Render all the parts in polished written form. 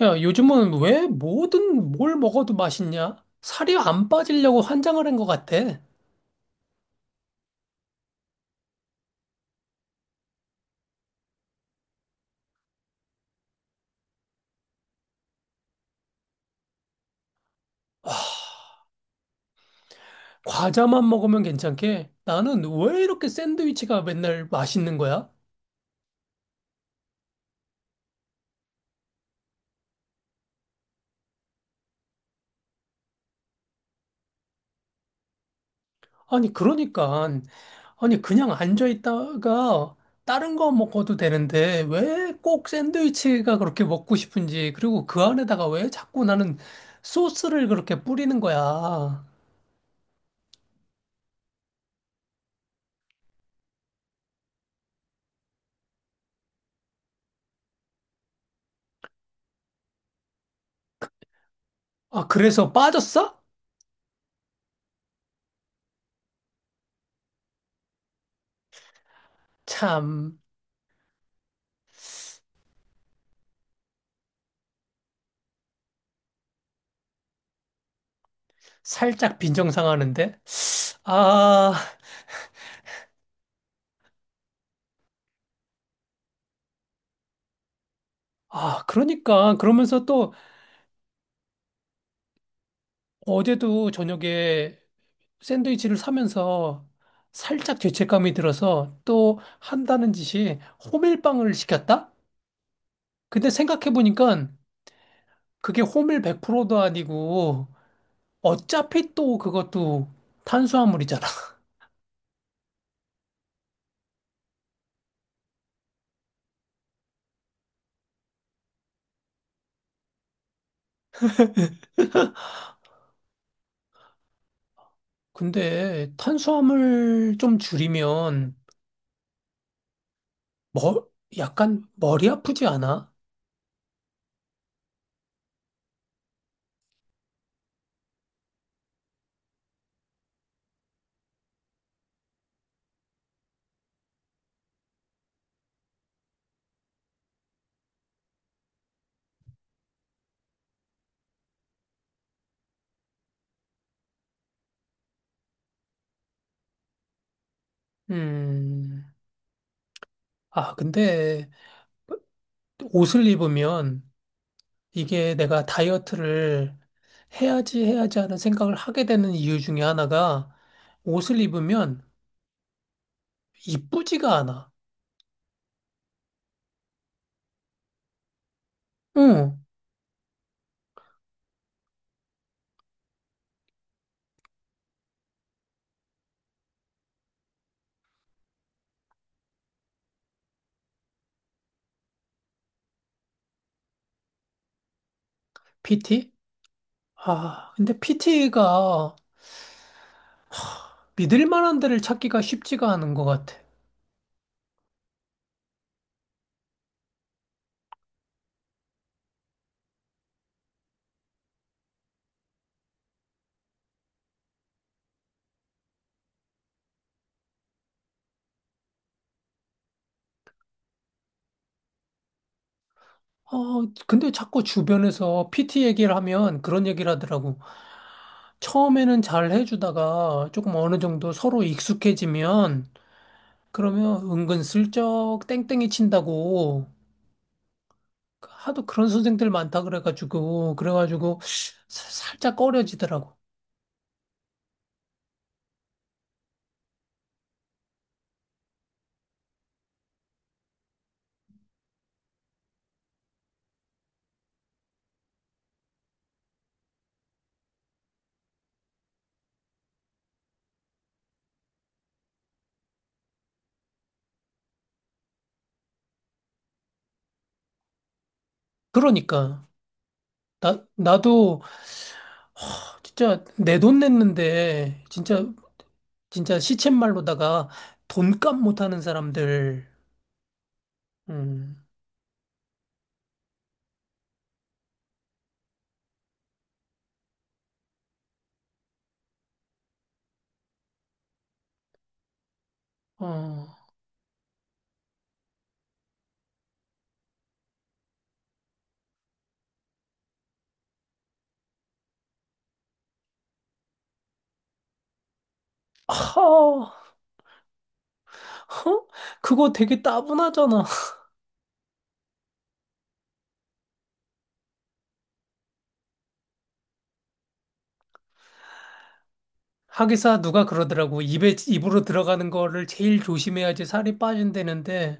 야, 요즘은 왜 뭐든 뭘 먹어도 맛있냐? 살이 안 빠지려고 환장을 한 것 같아. 와, 과자만 먹으면 괜찮게 나는 왜 이렇게 샌드위치가 맨날 맛있는 거야? 아니, 그러니까. 아니, 그냥 앉아있다가 다른 거 먹어도 되는데 왜 꼭 샌드위치가 그렇게 먹고 싶은지, 그리고 그 안에다가 왜 자꾸 나는 소스를 그렇게 뿌리는 거야? 아, 그래서 빠졌어? 참, 살짝 빈정상하는데? 아. 아, 그러니까 그러면서 또 어제도 저녁에 샌드위치를 사면서 살짝 죄책감이 들어서 또 한다는 짓이 호밀빵을 시켰다? 근데 생각해보니까 그게 호밀 100%도 아니고 어차피 또 그것도 탄수화물이잖아. 근데 탄수화물 좀 줄이면 머, 약간 머리 아프지 않아? 음, 아, 근데 옷을 입으면 이게 내가 다이어트를 해야지 해야지 하는 생각을 하게 되는 이유 중에 하나가 옷을 입으면 이쁘지가 않아. 응. PT? 아, 근데 PT가 믿을 만한 데를 찾기가 쉽지가 않은 것 같아. 어, 근데 자꾸 주변에서 PT 얘기를 하면 그런 얘기를 하더라고. 처음에는 잘 해주다가 조금 어느 정도 서로 익숙해지면 그러면 은근슬쩍 땡땡이 친다고 하도 그런 선생들 많다 그래가지고 살짝 꺼려지더라고. 그러니까 나 나도 진짜 내 돈 냈는데 진짜 진짜 시쳇말로다가 돈값 못하는 사람들. 음, 어, 하, 허? 그거 되게 따분하잖아. 하기사 누가 그러더라고. 입에 입으로 들어가는 거를 제일 조심해야지 살이 빠진다는데.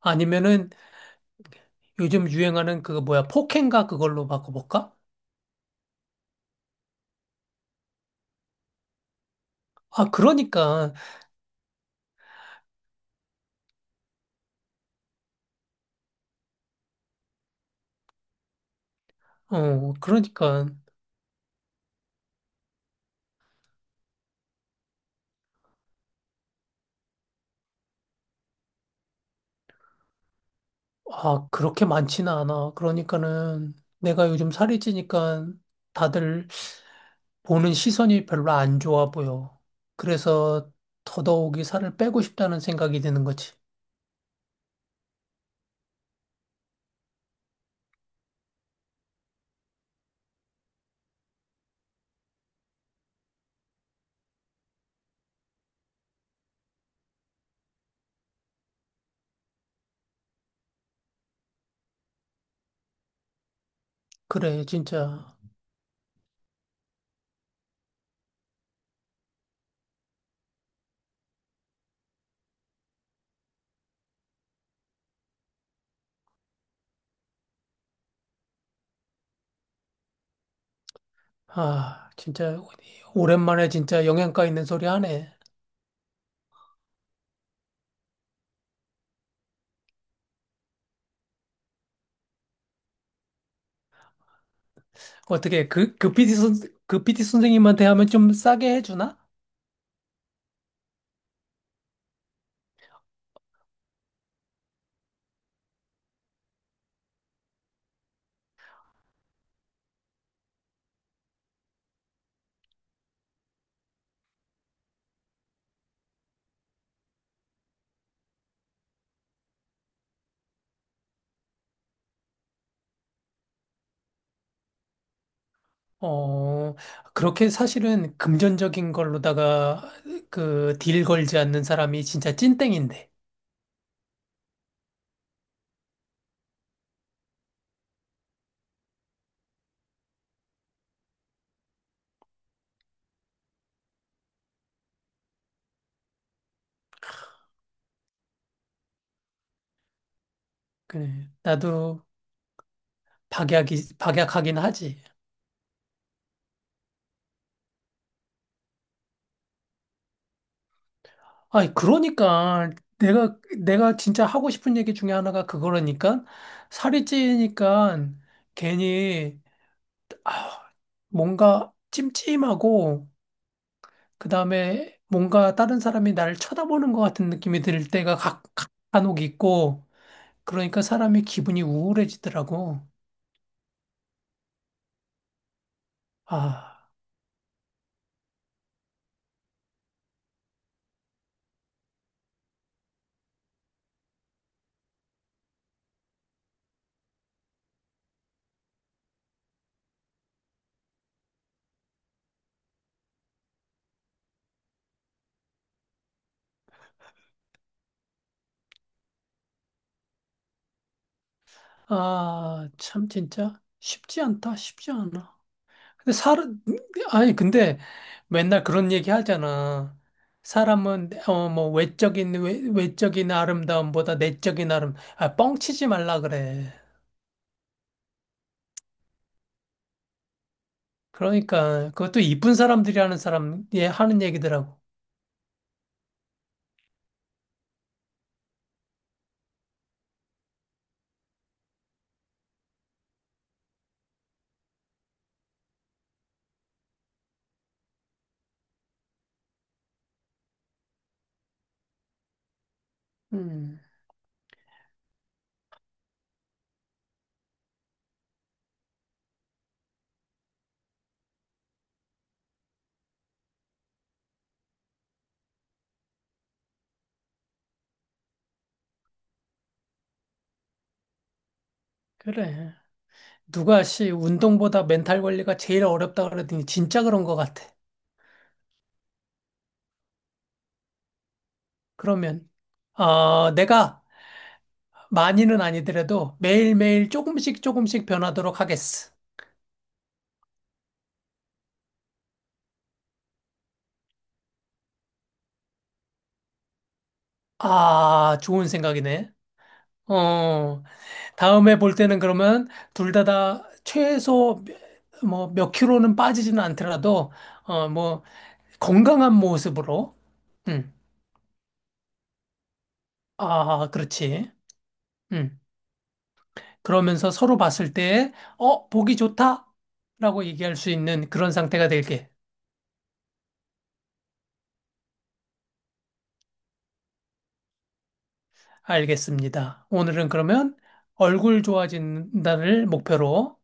아니면은 요즘 유행하는 그거 뭐야 폭행가 그걸로 바꿔볼까? 아, 그러니까, 아, 그렇게 많지는 않아. 그러니까는 내가 요즘 살이 찌니까 다들 보는 시선이 별로 안 좋아 보여. 그래서 더더욱이 살을 빼고 싶다는 생각이 드는 거지. 그래, 진짜. 아, 진짜, 오랜만에 진짜 영양가 있는 소리 하네. 어떻게, 그 그 PT 선생님한테 하면 좀 싸게 해주나? 어, 그렇게 사실은 금전적인 걸로다가 그 딜 걸지 않는 사람이 진짜 찐땡인데. 그래. 나도 박약하긴 하지. 아니, 그러니까 내가 진짜 하고 싶은 얘기 중에 하나가 그거라니까 살이 찌니까 괜히, 아, 뭔가 찜찜하고, 그 다음에 뭔가 다른 사람이 나를 쳐다보는 것 같은 느낌이 들 때가 간혹 있고, 그러니까 사람이 기분이 우울해지더라고. 아, 아, 참 진짜 쉽지 않다, 쉽지 않아. 근데 사람, 아니, 근데 맨날 그런 얘기 하잖아. 사람은, 뭐, 외적인 아름다움보다 내적인 아, 뻥치지 말라 그래. 그러니까, 그것도 이쁜 사람들이 하는 예, 하는 얘기더라고. 음, 그래. 누가 씨, 운동보다 멘탈 관리가 제일 어렵다 그러더니 진짜 그런 것 같아. 그러면, 내가 많이는 아니더라도 매일매일 조금씩 조금씩 변하도록 하겠어. 아, 좋은 생각이네. 어, 다음에 볼 때는 그러면 둘 다 최소 뭐 몇 킬로는 빠지지는 않더라도, 어, 뭐 건강한 모습으로. 음. 아, 그렇지. 음. 그러면서 서로 봤을 때, 보기 좋다, 라고 얘기할 수 있는 그런 상태가 될게. 알겠습니다. 오늘은 그러면 얼굴 좋아진다를 목표로